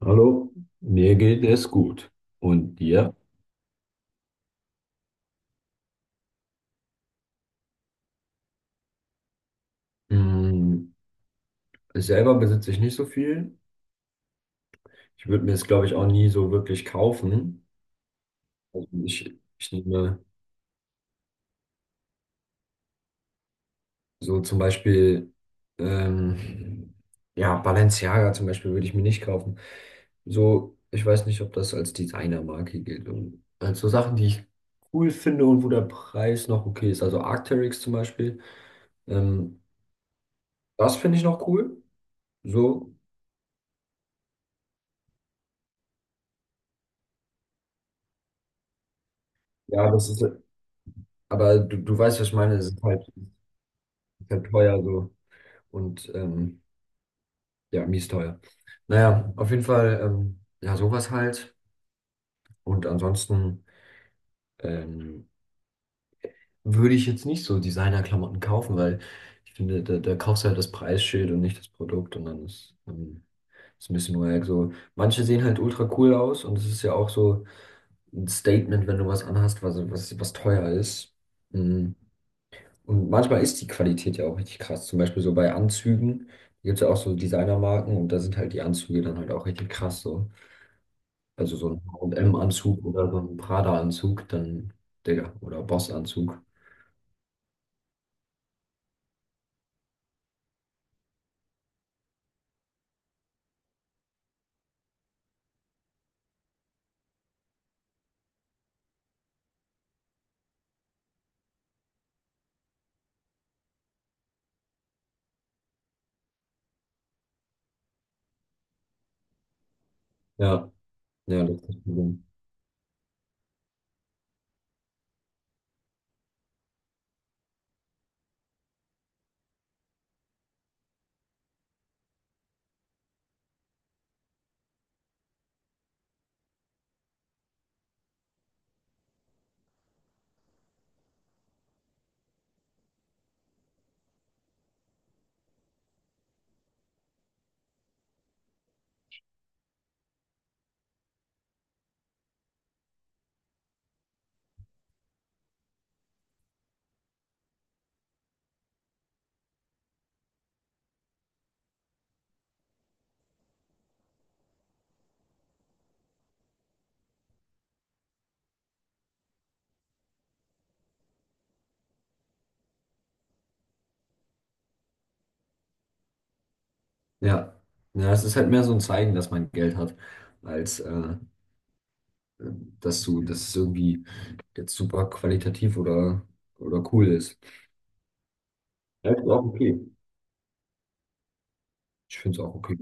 Hallo, mir geht es gut. Und dir? Mm, Selber besitze ich nicht so viel. Ich würde mir es, glaube ich, auch nie so wirklich kaufen. Also ich nehme so zum Beispiel, ähm, ja, Balenciaga zum Beispiel würde ich mir nicht kaufen. So, ich weiß nicht, ob das als Designermarke gilt. Und als so Sachen, die ich cool finde und wo der Preis noch okay ist. Also Arc'teryx zum Beispiel. Ähm, das finde ich noch cool. So, ja, das ist. Aber du weißt, was ich meine, es ist halt teuer so und ja, mies teuer. Naja, auf jeden Fall, ja, sowas halt. Und ansonsten ähm, würde ich jetzt nicht so Designerklamotten kaufen, weil ich finde, da kaufst du halt das Preisschild und nicht das Produkt und dann ist ein bisschen wack. So, manche sehen halt ultra cool aus und es ist ja auch so ein Statement, wenn du was anhast, was teuer ist. Mhm. Und manchmal ist die Qualität ja auch richtig krass. Zum Beispiel so bei Anzügen, da gibt es ja auch so Designermarken und da sind halt die Anzüge dann halt auch richtig krass so. Also so ein m anzug oder so ein Prada-Anzug, dann, Digga, oder Boss-Anzug. Ja, ja, das ist das Problem. Ja. Ja, es ist halt mehr so ein Zeigen, dass man Geld hat, als dass es irgendwie jetzt super qualitativ oder cool ist. Ja, ist auch okay. Ich finde es auch okay.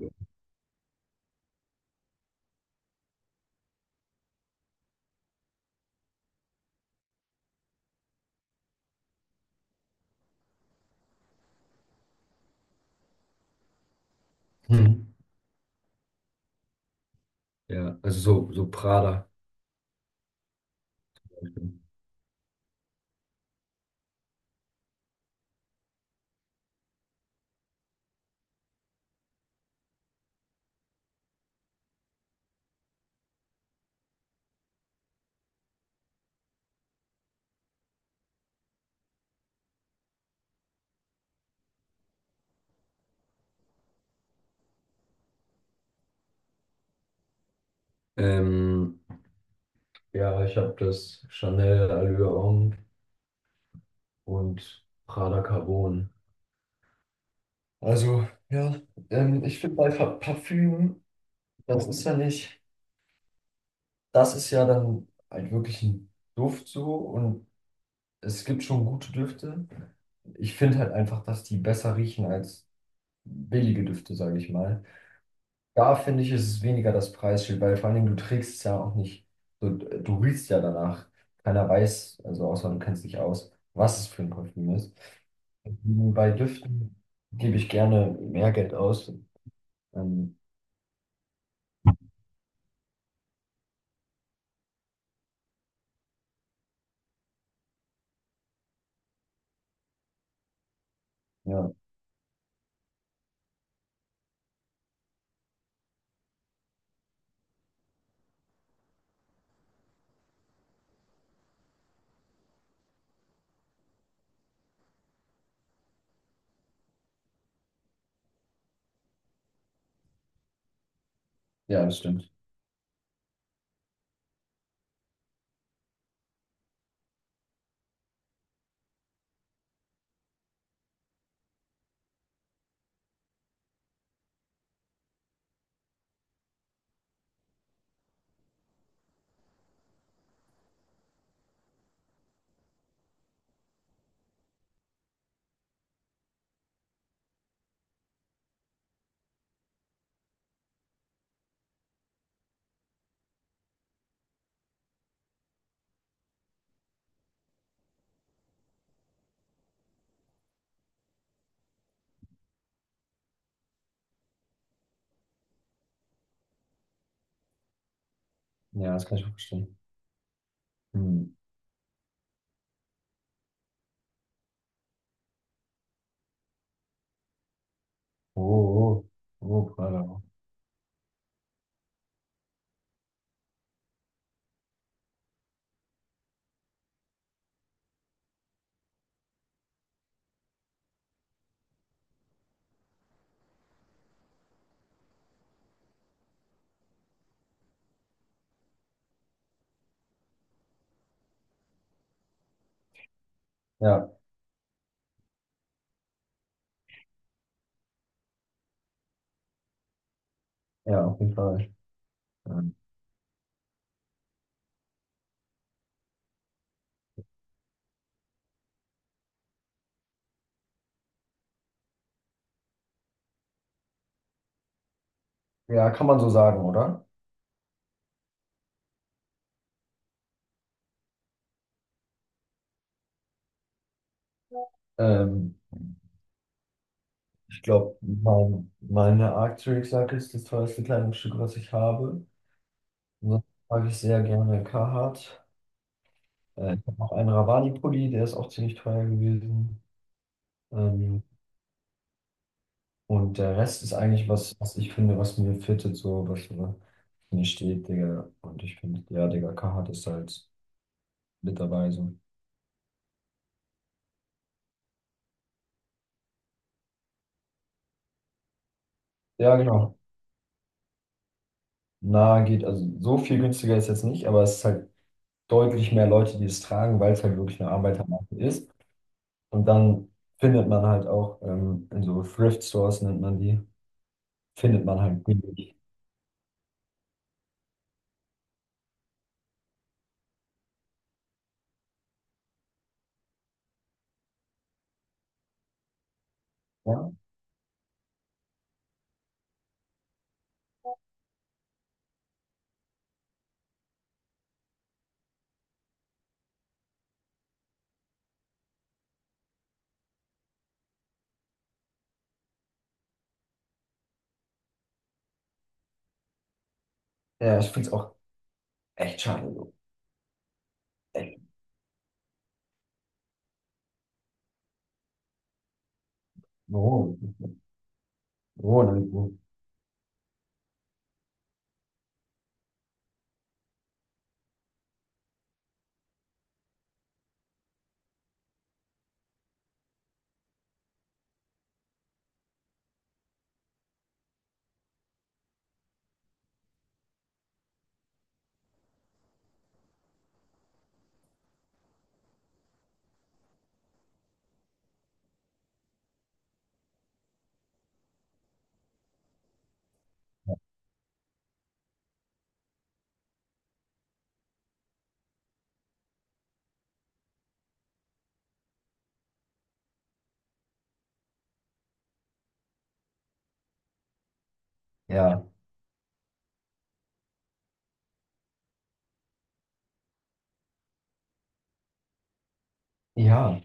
Mhm. Ja, also so Prada. Ähm, ja, ich habe das Chanel Allure Homme und Prada Carbon. Also, ja, ich finde bei Parfüm, das ist ja nicht, das ist ja dann halt wirklich ein Duft so und es gibt schon gute Düfte. Ich finde halt einfach, dass die besser riechen als billige Düfte, sage ich mal. Da finde ich, ist es weniger das Preisschild, weil vor allen Dingen du trägst es ja auch nicht. Du riechst ja danach. Keiner weiß, also außer du kennst dich aus, was es für ein Parfüm ist. Mhm. Bei Düften gebe ich gerne mehr Geld aus. Ähm, ja, ja, das stimmt. Ja, das kann ich auch verstehen. Hm. Oh, oh, oh, Prada. Ja, ja, auf jeden Fall. Ähm, ja, kann man so sagen, oder? Ähm, ich glaube, meine Arc'teryx-Jacke ist das teuerste Kleidungsstück, was ich habe. Ansonsten mag ich sehr gerne Carhartt. Ich habe noch einen Ravani-Pulli, der ist auch ziemlich teuer gewesen. Ähm, und der Rest ist eigentlich was, was ich finde, was mir fittet, so was mir steht, Digga. Und ich finde, ja, Digga, Carhartt ist halt mit dabei, so. Ja, genau. Na, geht, also so viel günstiger ist jetzt nicht, aber es ist halt deutlich mehr Leute, die es tragen, weil es halt wirklich eine Arbeitermarke ist. Und dann findet man halt auch in so Thrift-Stores, nennt man die, findet man halt billig. Ja, ja ich finde es auch echt schade, so. Echt. Oh, oh, dann. Ja, ja, auf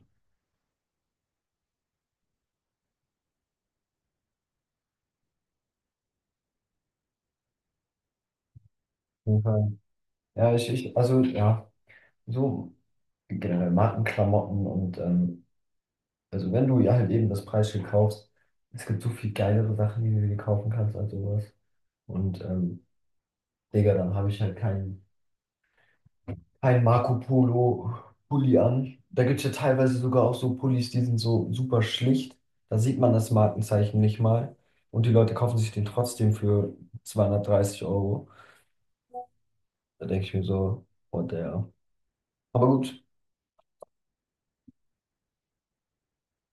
jeden Fall. Ja, ich, also, ja, so generell Markenklamotten und, also, wenn du ja halt eben das Preisschild kaufst, es gibt so viel geilere Sachen, die du dir kaufen kannst als sowas. Und, Digga, dann habe ich halt kein Marco Polo Pulli an. Da gibt es ja teilweise sogar auch so Pullis, die sind so super schlicht. Da sieht man das Markenzeichen nicht mal. Und die Leute kaufen sich den trotzdem für 230 Euro. Da denke ich mir so, what the hell. Aber gut,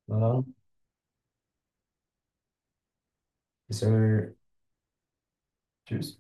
na dann, bis dann. Tschüss.